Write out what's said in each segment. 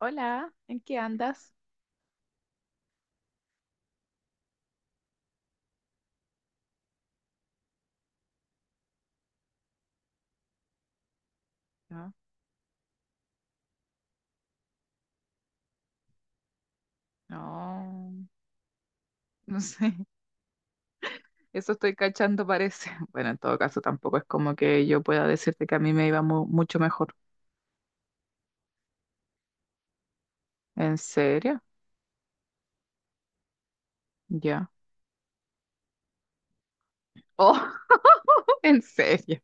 Hola, ¿en qué andas? No, no, no sé. Eso estoy cachando, parece. Bueno, en todo caso, tampoco es como que yo pueda decirte que a mí me iba mucho mejor. ¿En serio? Ya. Oh, en serio.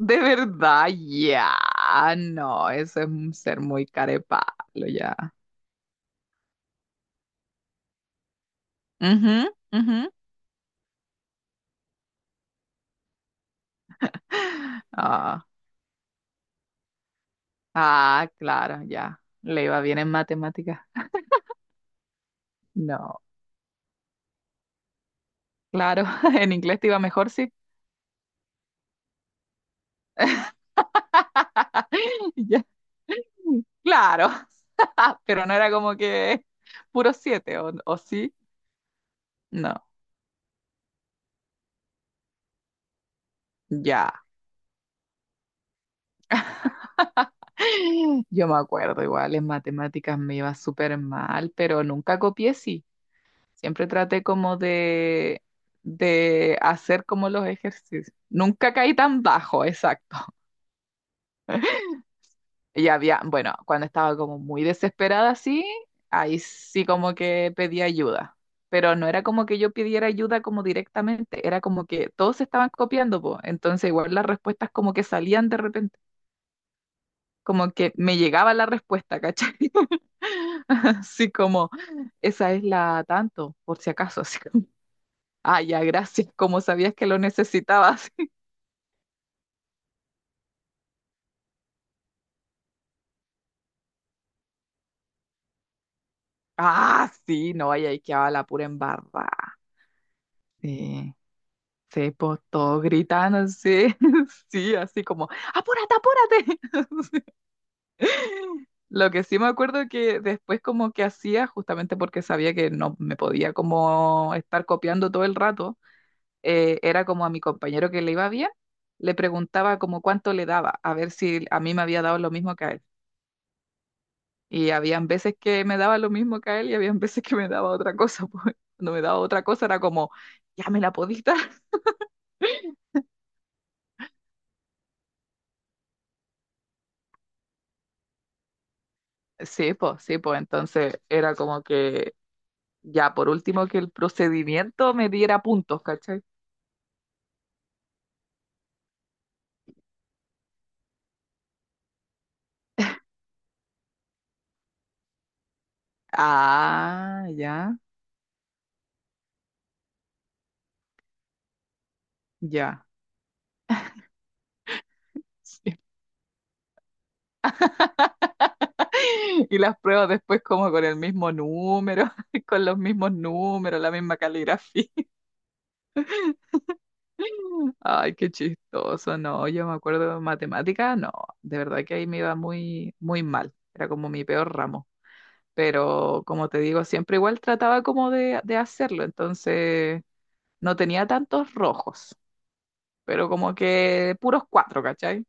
De verdad, ya. No, eso es un ser muy carepalo, ya. Ujú, ujú. Ah, ah, claro, ya. Le iba bien en matemáticas. No, claro, en inglés te iba mejor, sí. Ya. Claro. Pero no era como que puro siete, o sí? No, ya. Yo me acuerdo, igual en matemáticas me iba súper mal, pero nunca copié, sí. Siempre traté como de hacer como los ejercicios. Nunca caí tan bajo, exacto. Y había, bueno, cuando estaba como muy desesperada así, ahí sí como que pedí ayuda. Pero no era como que yo pidiera ayuda como directamente, era como que todos se estaban copiando, po. Entonces igual las respuestas como que salían de repente, como que me llegaba la respuesta, ¿cachai? Así como, esa es la tanto, por si acaso, así como, ah, ya, gracias, como sabías que lo necesitabas. Ah, sí, no, ahí quedaba la pura embarrada. Sí. Sí, pues todos gritando, sí, sí, así como, apúrate, apúrate. Sí. Lo que sí me acuerdo que después como que hacía, justamente porque sabía que no me podía como estar copiando todo el rato, era como a mi compañero que le iba bien, le preguntaba como cuánto le daba, a ver si a mí me había dado lo mismo que a él. Y habían veces que me daba lo mismo que a él y habían veces que me daba otra cosa, pues cuando me daba otra cosa era como, ya me la podí dar. Sí, pues entonces era como que ya por último que el procedimiento me diera puntos, ¿cachai? Ah, ya. Sí. Y las pruebas después como con el mismo número, con los mismos números, la misma caligrafía. Ay, qué chistoso, no, yo me acuerdo de matemática, no, de verdad que ahí me iba muy, muy mal, era como mi peor ramo, pero como te digo, siempre igual trataba como de hacerlo, entonces no tenía tantos rojos, pero como que puros cuatro, ¿cachai?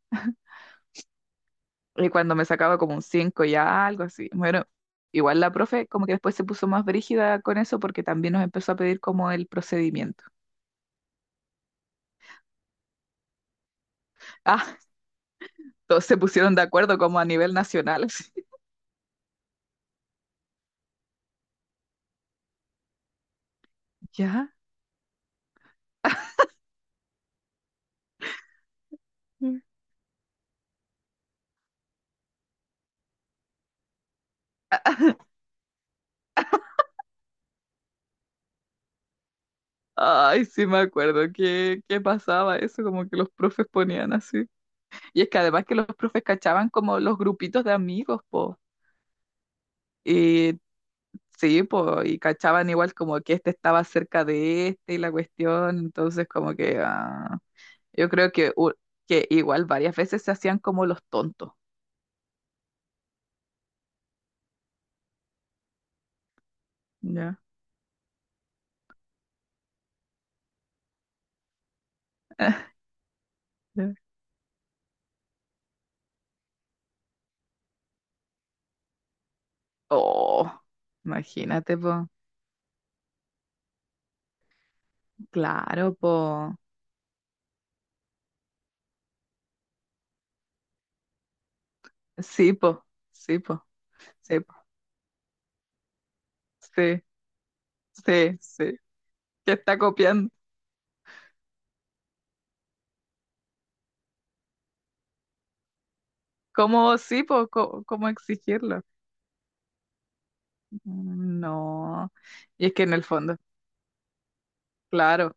Y cuando me sacaba como un cinco ya, algo así. Bueno, igual la profe como que después se puso más brígida con eso porque también nos empezó a pedir como el procedimiento. Ah, todos se pusieron de acuerdo como a nivel nacional, así. ¿Ya? Mm. Ay, sí me acuerdo que pasaba eso, como que los profes ponían así. Y es que además que los profes cachaban como los grupitos de amigos, po. Y sí, pues, y cachaban igual como que este estaba cerca de este y la cuestión, entonces como que ah, yo creo que igual varias veces se hacían como los tontos. Ya. Ya. Oh, imagínate, po. Claro, po. Sí, po. Sí, po. Sí, po. Sí, sí, sí. Que está copiando. ¿Cómo sí, po? ¿Cómo, exigirlo? Mm, no. Y es que en el fondo, claro.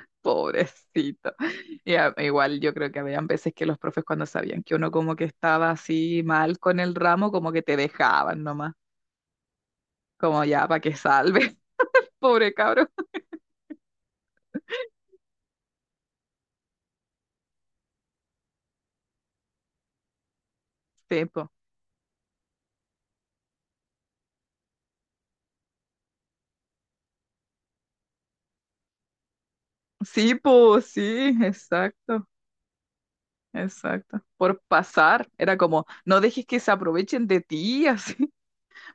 Pobrecito. Igual yo creo que habían veces que los profes cuando sabían que uno como que estaba así mal con el ramo, como que te dejaban nomás, como ya para que salve, pobre cabro. Sí, po. Sí, po, sí, exacto, exacto. Por pasar, era como, no dejes que se aprovechen de ti, así.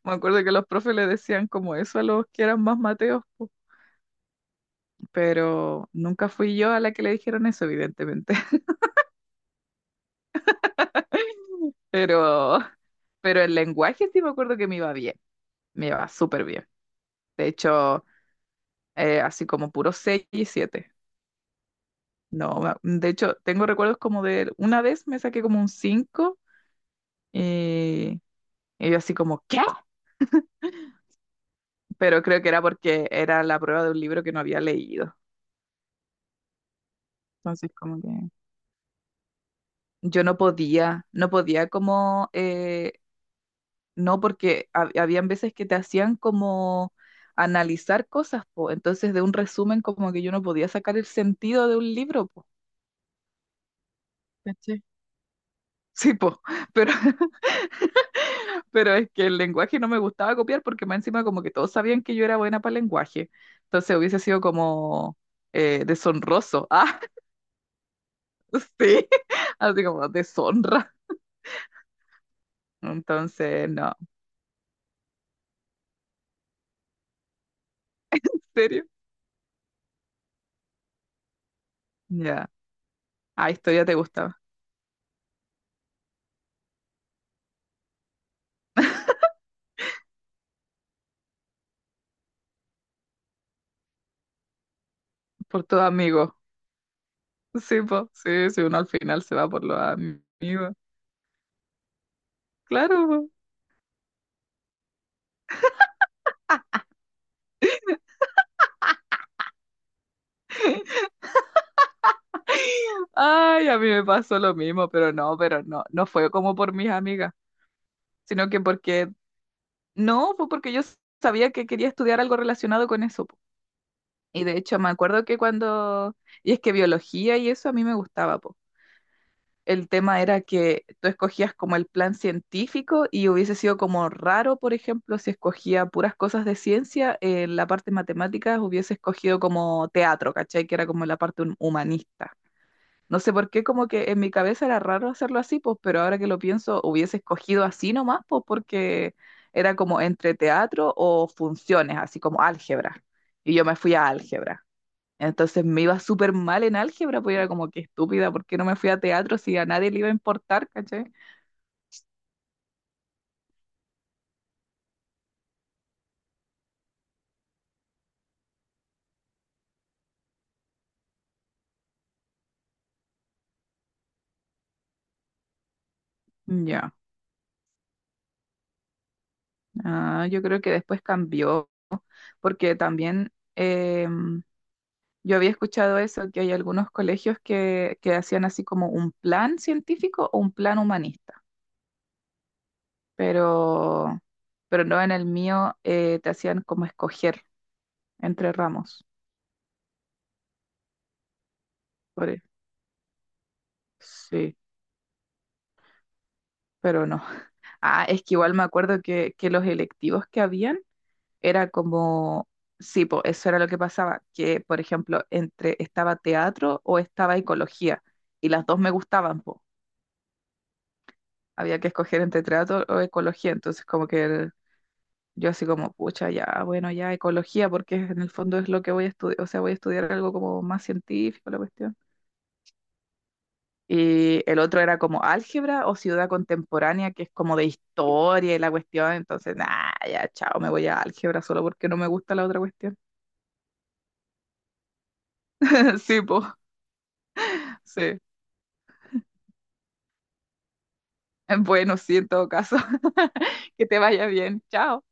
Me acuerdo que los profes le decían como eso a los que eran más mateos, po. Pero nunca fui yo a la que le dijeron eso, evidentemente. Pero, pero el lenguaje sí me acuerdo que me iba bien, me iba súper bien. De hecho, así como puro 6 y siete. No, ma- De hecho, tengo recuerdos como de una vez me saqué como un 5 y, y yo así como, ¿qué? Pero creo que era porque era la prueba de un libro que no había leído. Entonces, como que yo no podía, no podía como no, porque habían veces que te hacían como analizar cosas, po. Entonces de un resumen como que yo no podía sacar el sentido de un libro, po. ¿Cachai? Sí, po. Pero, pero es que el lenguaje no me gustaba copiar porque más encima como que todos sabían que yo era buena para el lenguaje. Entonces hubiese sido como deshonroso. Ah, sí. Así como deshonra. Entonces, no. ¿En serio? Ya. Ah, esto ya te gustaba. Por tu amigo. Sí, po, sí, si uno al final se va por los amigos. Claro, po. Ay, a mí me pasó lo mismo, pero no, no fue como por mis amigas, sino que porque, no, fue porque yo sabía que quería estudiar algo relacionado con eso, po. Y de hecho me acuerdo que cuando, y es que biología y eso a mí me gustaba, po. El tema era que tú escogías como el plan científico y hubiese sido como raro, por ejemplo, si escogía puras cosas de ciencia, en la parte matemática hubiese escogido como teatro, ¿cachai? Que era como la parte humanista. No sé por qué, como que en mi cabeza era raro hacerlo así, pues, pero ahora que lo pienso, hubiese escogido así nomás, pues, porque era como entre teatro o funciones, así como álgebra. Y yo me fui a álgebra. Entonces me iba súper mal en álgebra, pues era como que estúpida, ¿por qué no me fui a teatro si a nadie le iba a importar, ¿cachai? Ya, ah, yo creo que después cambió, porque también yo había escuchado eso, que hay algunos colegios que hacían así como un plan científico o un plan humanista, pero, pero no en el mío, te hacían como escoger entre ramos. por e- sí, pero no. Ah, es que igual me acuerdo que los electivos que habían era como, sí, po, eso era lo que pasaba, que por ejemplo, entre estaba teatro o estaba ecología, y las dos me gustaban, po. Había que escoger entre teatro o ecología, entonces como yo así como, pucha, ya, bueno, ya ecología, porque en el fondo es lo que voy a estudiar, o sea, voy a estudiar algo como más científico, la cuestión. Y el otro era como álgebra o ciudad contemporánea, que es como de historia y la cuestión. Entonces, nah, ya, chao, me voy a álgebra solo porque no me gusta la otra cuestión. Sí, po, sí. Bueno, sí, en todo caso, que te vaya bien. Chao.